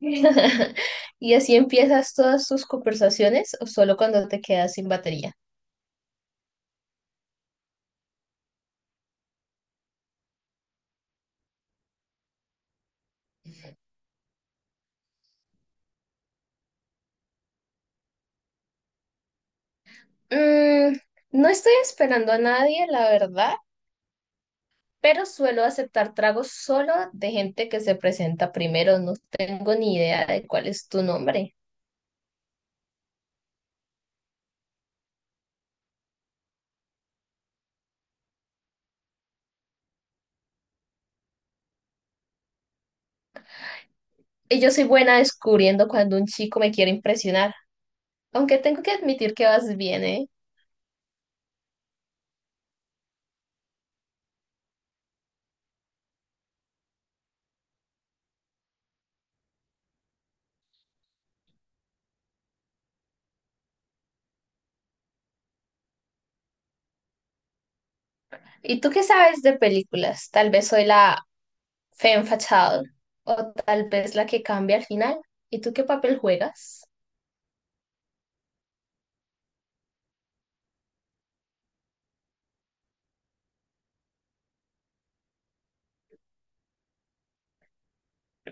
¿Y así empiezas todas tus conversaciones o solo cuando te quedas sin batería? Mm, no estoy esperando a nadie, la verdad, pero suelo aceptar tragos solo de gente que se presenta primero. No tengo ni idea de cuál es tu nombre. Y yo soy buena descubriendo cuando un chico me quiere impresionar, aunque tengo que admitir que vas bien, ¿eh? ¿Y tú qué sabes de películas? Tal vez soy la femme fatale o tal vez la que cambia al final. ¿Y tú qué papel juegas?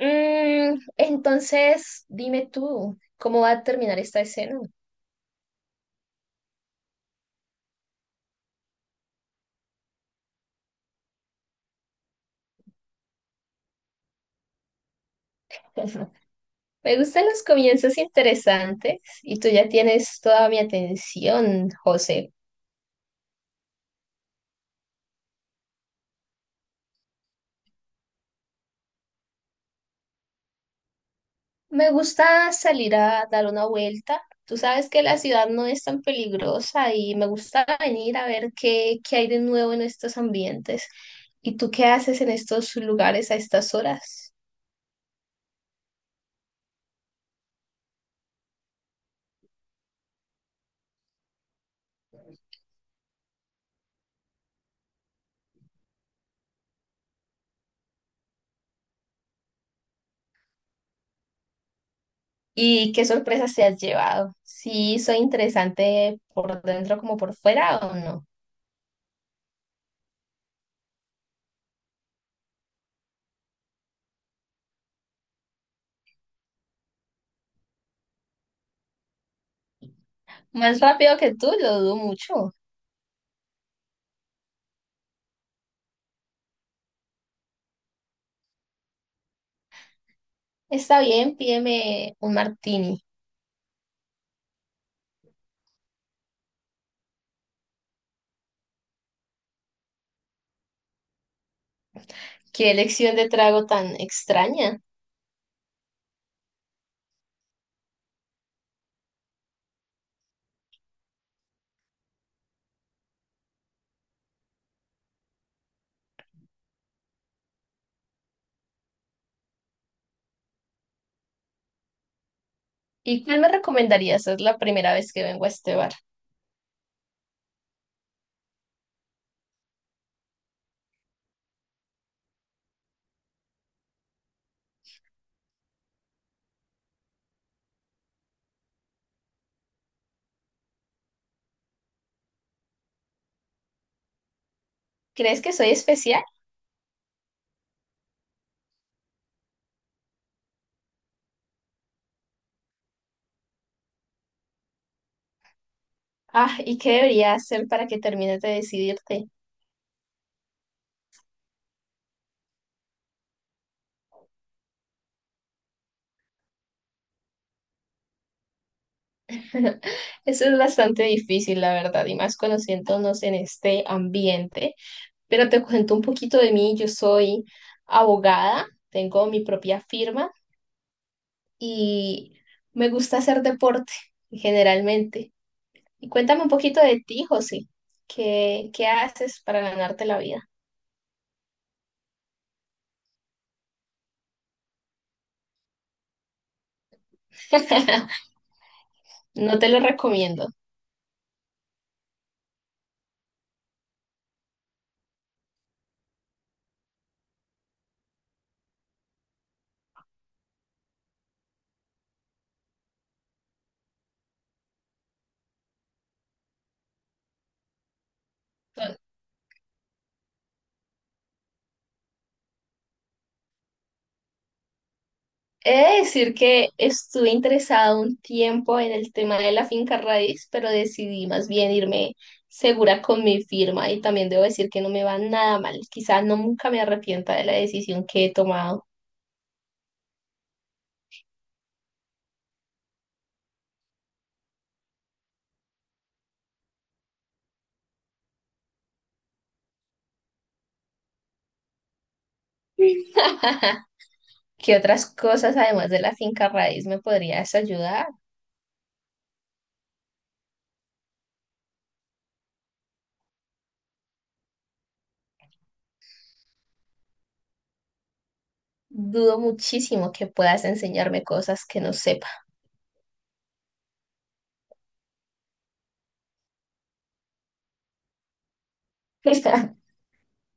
Entonces, dime tú, ¿cómo va a terminar esta escena? Me gustan los comienzos interesantes y tú ya tienes toda mi atención, José. Me gusta salir a dar una vuelta. Tú sabes que la ciudad no es tan peligrosa y me gusta venir a ver qué hay de nuevo en estos ambientes. ¿Y tú qué haces en estos lugares a estas horas? ¿Y qué sorpresas te has llevado? ¿Sí soy interesante por dentro como por fuera o no? Más rápido que tú, lo dudo mucho. Está bien, pídeme un martini. Qué elección de trago tan extraña. ¿Y cuál me recomendarías? Es la primera vez que vengo a este bar. ¿Crees que soy especial? Ah, ¿y qué debería hacer para que termines de decidirte? Eso es bastante difícil, la verdad, y más conociéndonos en este ambiente. Pero te cuento un poquito de mí. Yo soy abogada, tengo mi propia firma y me gusta hacer deporte generalmente. Y cuéntame un poquito de ti, José. Qué haces para ganarte la vida? No te lo recomiendo. He de decir que estuve interesado un tiempo en el tema de la finca raíz, pero decidí más bien irme segura con mi firma y también debo decir que no me va nada mal. Quizás nunca me arrepienta de la decisión que he tomado. ¿Qué otras cosas además de la finca raíz me podrías ayudar? Dudo muchísimo que puedas enseñarme cosas que no sepa.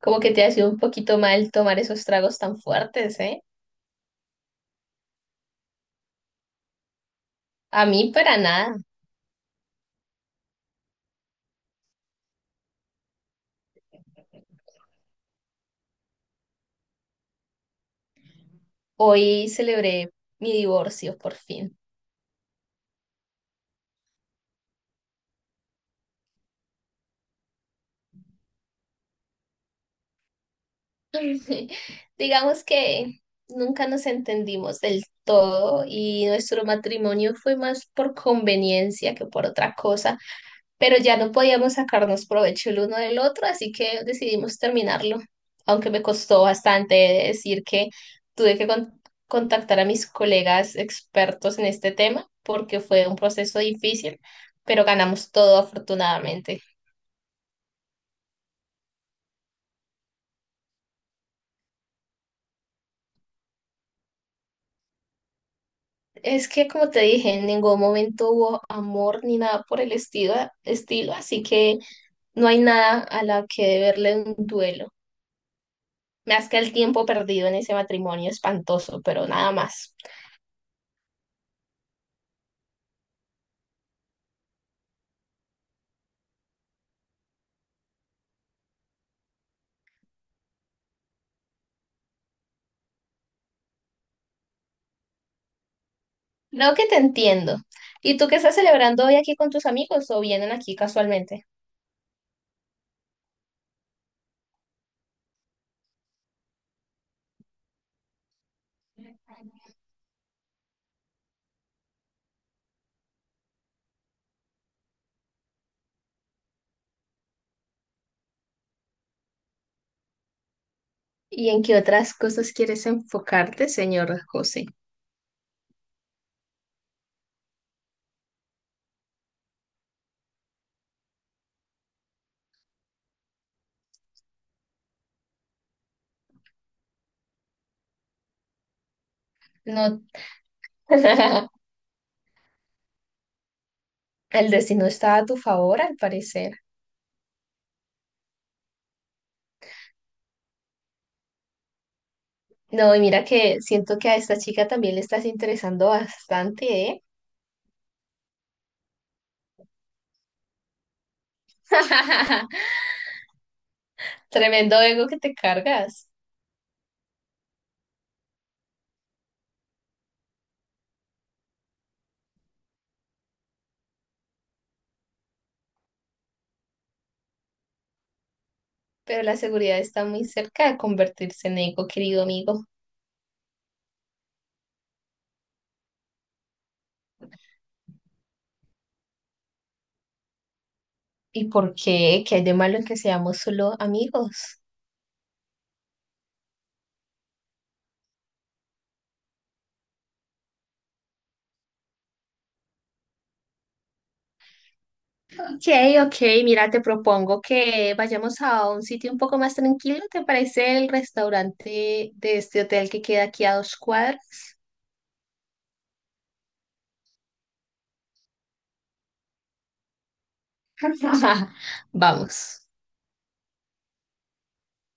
Como que te ha sido un poquito mal tomar esos tragos tan fuertes, ¿eh? A mí para nada. Hoy celebré mi divorcio por fin. Digamos que nunca nos entendimos del todo y nuestro matrimonio fue más por conveniencia que por otra cosa, pero ya no podíamos sacarnos provecho el uno del otro, así que decidimos terminarlo, aunque me costó bastante decir que tuve que con- contactar a mis colegas expertos en este tema, porque fue un proceso difícil, pero ganamos todo afortunadamente. Es que, como te dije, en ningún momento hubo amor ni nada por el estilo, así que no hay nada a la que deberle un duelo. Más que el tiempo perdido en ese matrimonio espantoso, pero nada más. Creo que te entiendo. ¿Y tú qué estás celebrando hoy aquí con tus amigos o vienen aquí casualmente? ¿Y en qué otras cosas quieres enfocarte, señor José? No. El destino está a tu favor, al parecer. No, y mira que siento que a esta chica también le estás interesando bastante, ¿eh? Tremendo ego que te cargas. Pero la seguridad está muy cerca de convertirse en ego, querido amigo. ¿Y por qué? ¿Qué hay de malo en que seamos solo amigos? Ok, ok, mira, te propongo que vayamos a un sitio un poco más tranquilo. ¿Te parece el restaurante de este hotel que queda aquí a 2 cuadras? Vamos.